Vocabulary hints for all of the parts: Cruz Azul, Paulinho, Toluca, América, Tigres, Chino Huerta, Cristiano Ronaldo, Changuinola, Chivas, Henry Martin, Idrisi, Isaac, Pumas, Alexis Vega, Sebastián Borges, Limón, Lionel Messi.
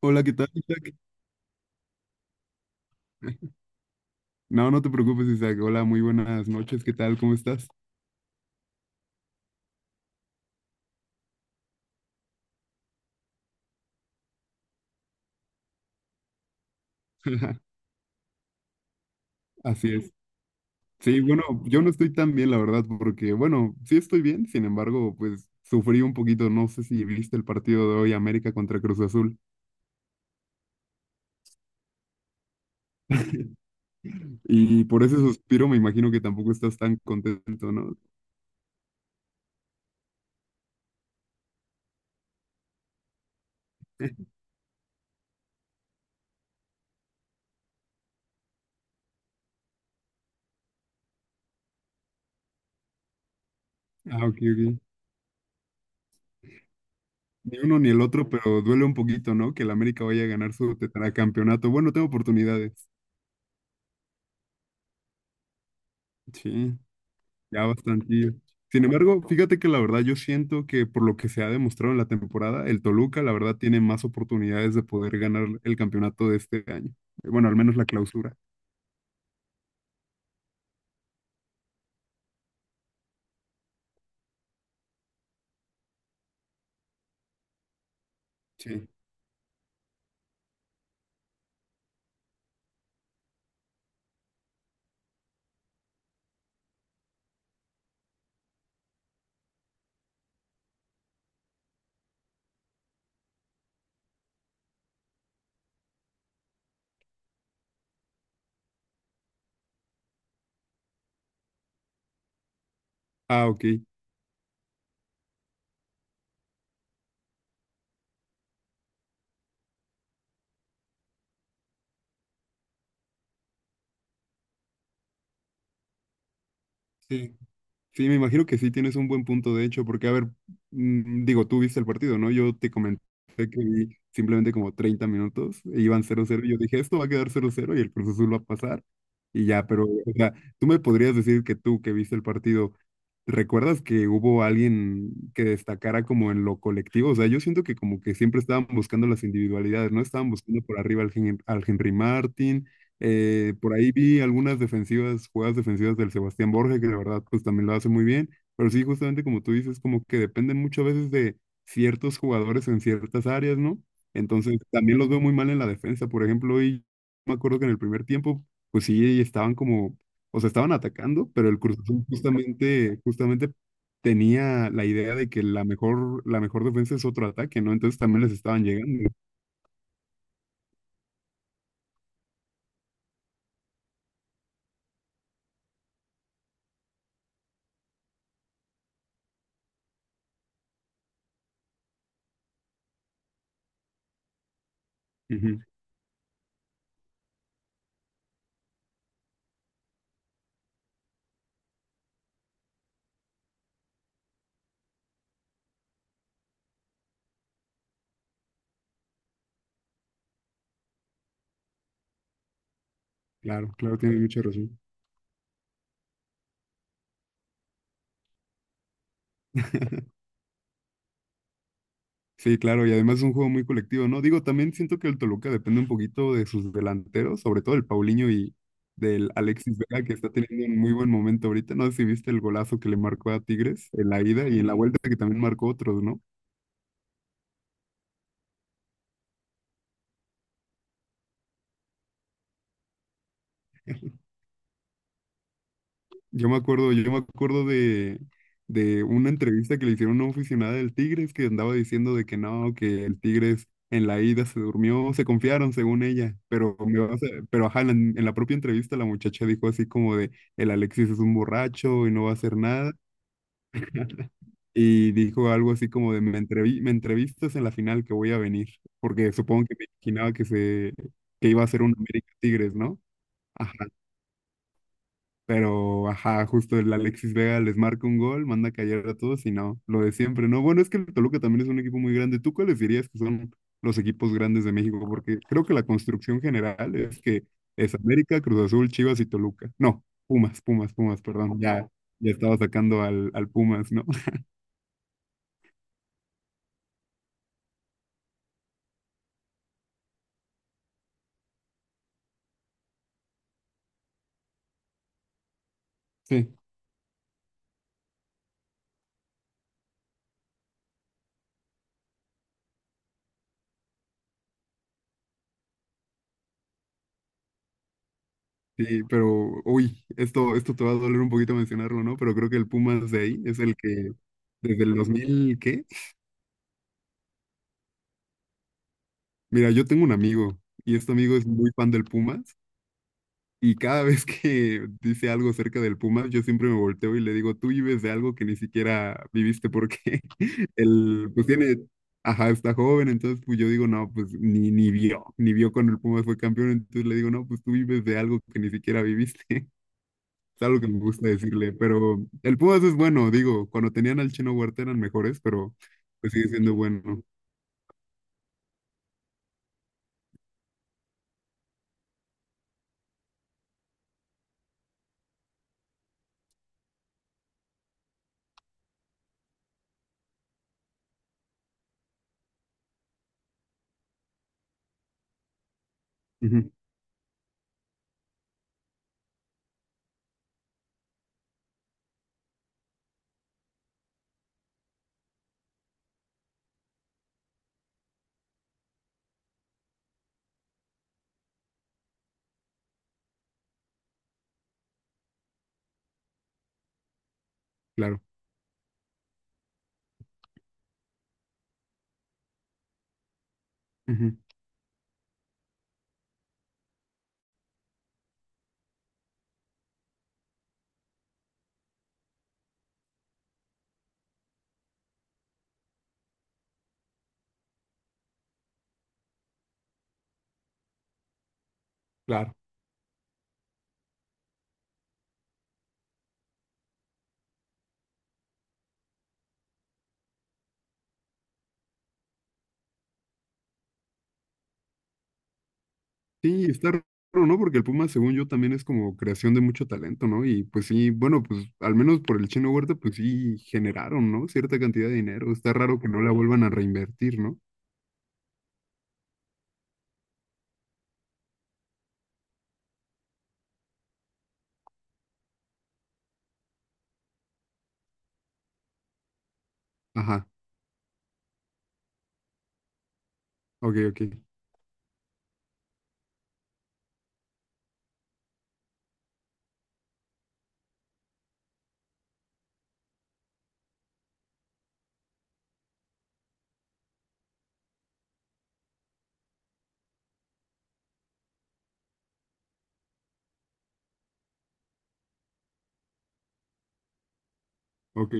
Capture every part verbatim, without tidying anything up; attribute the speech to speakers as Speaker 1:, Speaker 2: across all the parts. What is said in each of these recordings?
Speaker 1: Hola, ¿qué tal, Isaac? No, no te preocupes, Isaac. Hola, muy buenas noches. ¿Qué tal? ¿Cómo estás? Así es. Sí, bueno, yo no estoy tan bien, la verdad, porque, bueno, sí estoy bien, sin embargo, pues sufrí un poquito. No sé si viste el partido de hoy, América contra Cruz Azul. Y por ese suspiro me imagino que tampoco estás tan contento, ¿no? Ah, ok, ok. Ni uno ni el otro, pero duele un poquito, ¿no? Que el América vaya a ganar su tetracampeonato. Bueno, tengo oportunidades. Sí. Ya bastantillo. Sin embargo, fíjate que la verdad yo siento que por lo que se ha demostrado en la temporada, el Toluca la verdad tiene más oportunidades de poder ganar el campeonato de este año. Eh, Bueno, al menos la clausura. Sí, Ah, ok. Sí. Sí, me imagino que sí tienes un buen punto, de hecho, porque, a ver, mm, digo, tú viste el partido, ¿no? Yo te comenté que vi simplemente como treinta minutos, e iban cero cero y yo dije, esto va a quedar cero cero y el Cruz Azul va a pasar, y ya, pero, o sea, tú me podrías decir que tú que viste el partido, ¿recuerdas que hubo alguien que destacara como en lo colectivo? O sea, yo siento que como que siempre estaban buscando las individualidades, ¿no? Estaban buscando por arriba al, Hen- al Henry Martin, eh, por ahí vi algunas defensivas, jugadas defensivas del Sebastián Borges, que de verdad pues también lo hace muy bien, pero sí, justamente como tú dices, como que dependen muchas veces de ciertos jugadores en ciertas áreas, ¿no? Entonces también los veo muy mal en la defensa, por ejemplo, y me acuerdo que en el primer tiempo, pues sí, estaban como, o sea, estaban atacando, pero el Cruz Azul justamente, justamente tenía la idea de que la mejor, la mejor defensa es otro ataque, ¿no? Entonces también les estaban llegando. Ujú. Claro, claro, tienes mucha razón. Sí, claro, y además es un juego muy colectivo, ¿no? Digo, también siento que el Toluca depende un poquito de sus delanteros, sobre todo el Paulinho y del Alexis Vega, que está teniendo un muy buen momento ahorita. No sé si viste el golazo que le marcó a Tigres en la ida y en la vuelta que también marcó otros, ¿no? Yo me acuerdo, yo me acuerdo de, de una entrevista que le hicieron a una aficionada del Tigres que andaba diciendo de que no, que el Tigres en la ida se durmió, se confiaron según ella, pero me vas a- pero ajá, en la, en la propia entrevista la muchacha dijo así como de el Alexis es un borracho y no va a hacer nada y dijo algo así como de me entrevi- me entrevistas en la final que voy a venir, porque supongo que me imaginaba que se que iba a ser un América Tigres, ¿no? Ajá. Pero, ajá, justo el Alexis Vega les marca un gol, manda a callar a todos y no, lo de siempre, ¿no? Bueno, es que el Toluca también es un equipo muy grande. ¿Tú cuáles dirías que son los equipos grandes de México? Porque creo que la construcción general es que es América, Cruz Azul, Chivas y Toluca. No, Pumas, Pumas, Pumas, perdón, ya, ya estaba sacando al, al Pumas, ¿no? Sí. Sí, pero, uy, esto, esto te va a doler un poquito mencionarlo, ¿no? Pero creo que el Pumas de ahí es el que desde el dos mil ¿qué? Mira, yo tengo un amigo y este amigo es muy fan del Pumas. Y cada vez que dice algo acerca del Pumas, yo siempre me volteo y le digo, tú vives de algo que ni siquiera viviste porque él, pues tiene, ajá, está joven, entonces pues yo digo, no, pues ni, ni vio, ni vio cuando el Pumas fue campeón, entonces le digo, no, pues tú vives de algo que ni siquiera viviste. Es algo que me gusta decirle, pero el Pumas es bueno, digo, cuando tenían al Chino Huerta eran mejores, pero pues sigue siendo bueno. Ujú, claro, ujú, claro. Sí, está raro, ¿no? Porque el Puma, según yo, también es como creación de mucho talento, ¿no? Y pues sí, bueno, pues al menos por el Chino Huerta, pues sí generaron, ¿no? Cierta cantidad de dinero. Está raro que no la vuelvan a reinvertir, ¿no? Ajá, ok, ok, ok.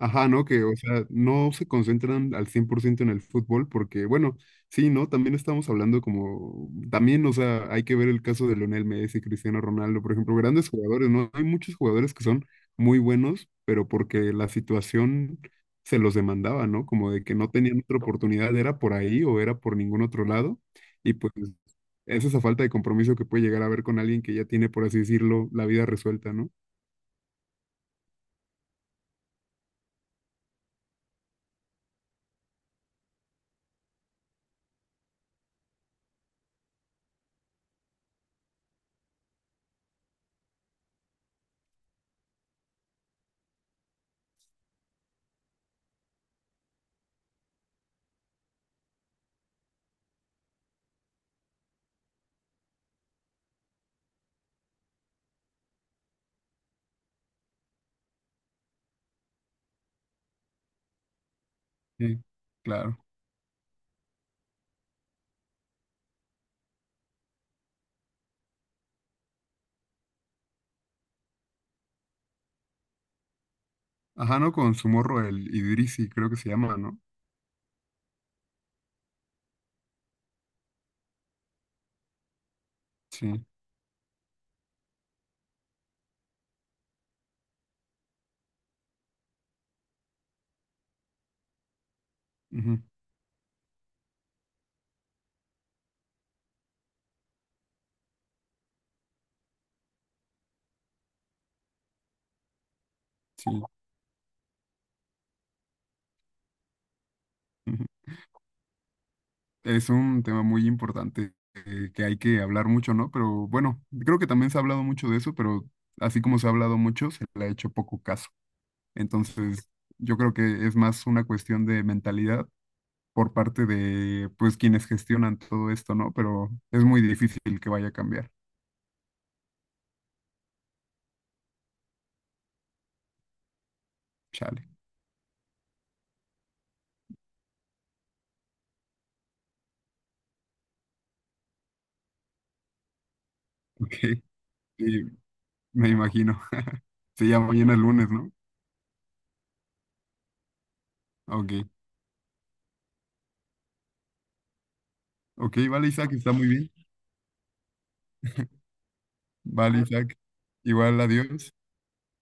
Speaker 1: Ajá, ¿no? Que, o sea, no se concentran al cien por ciento en el fútbol porque, bueno, sí, ¿no? También estamos hablando como, también, o sea, hay que ver el caso de Lionel Messi, Cristiano Ronaldo, por ejemplo, grandes jugadores, ¿no? Hay muchos jugadores que son muy buenos, pero porque la situación se los demandaba, ¿no? Como de que no tenían otra oportunidad, era por ahí o era por ningún otro lado. Y pues es esa falta de compromiso que puede llegar a haber con alguien que ya tiene, por así decirlo, la vida resuelta, ¿no? Sí, claro. Ajá, ¿no? Con su morro, el Idrisi, creo que se llama, ¿no? Sí, ujú, sí. Ujú. Es un tema muy importante eh, que hay que hablar mucho, ¿no? Pero bueno, creo que también se ha hablado mucho de eso, pero así como se ha hablado mucho, se le ha hecho poco caso. Entonces, yo creo que es más una cuestión de mentalidad por parte de, pues, quienes gestionan todo esto, ¿no? Pero es muy difícil que vaya a cambiar. Chale, ok. Sí, me imagino. Se llama mañana el lunes, ¿no? Ok, ok, vale, Isaac, está muy bien. Vale, Isaac. Igual, adiós.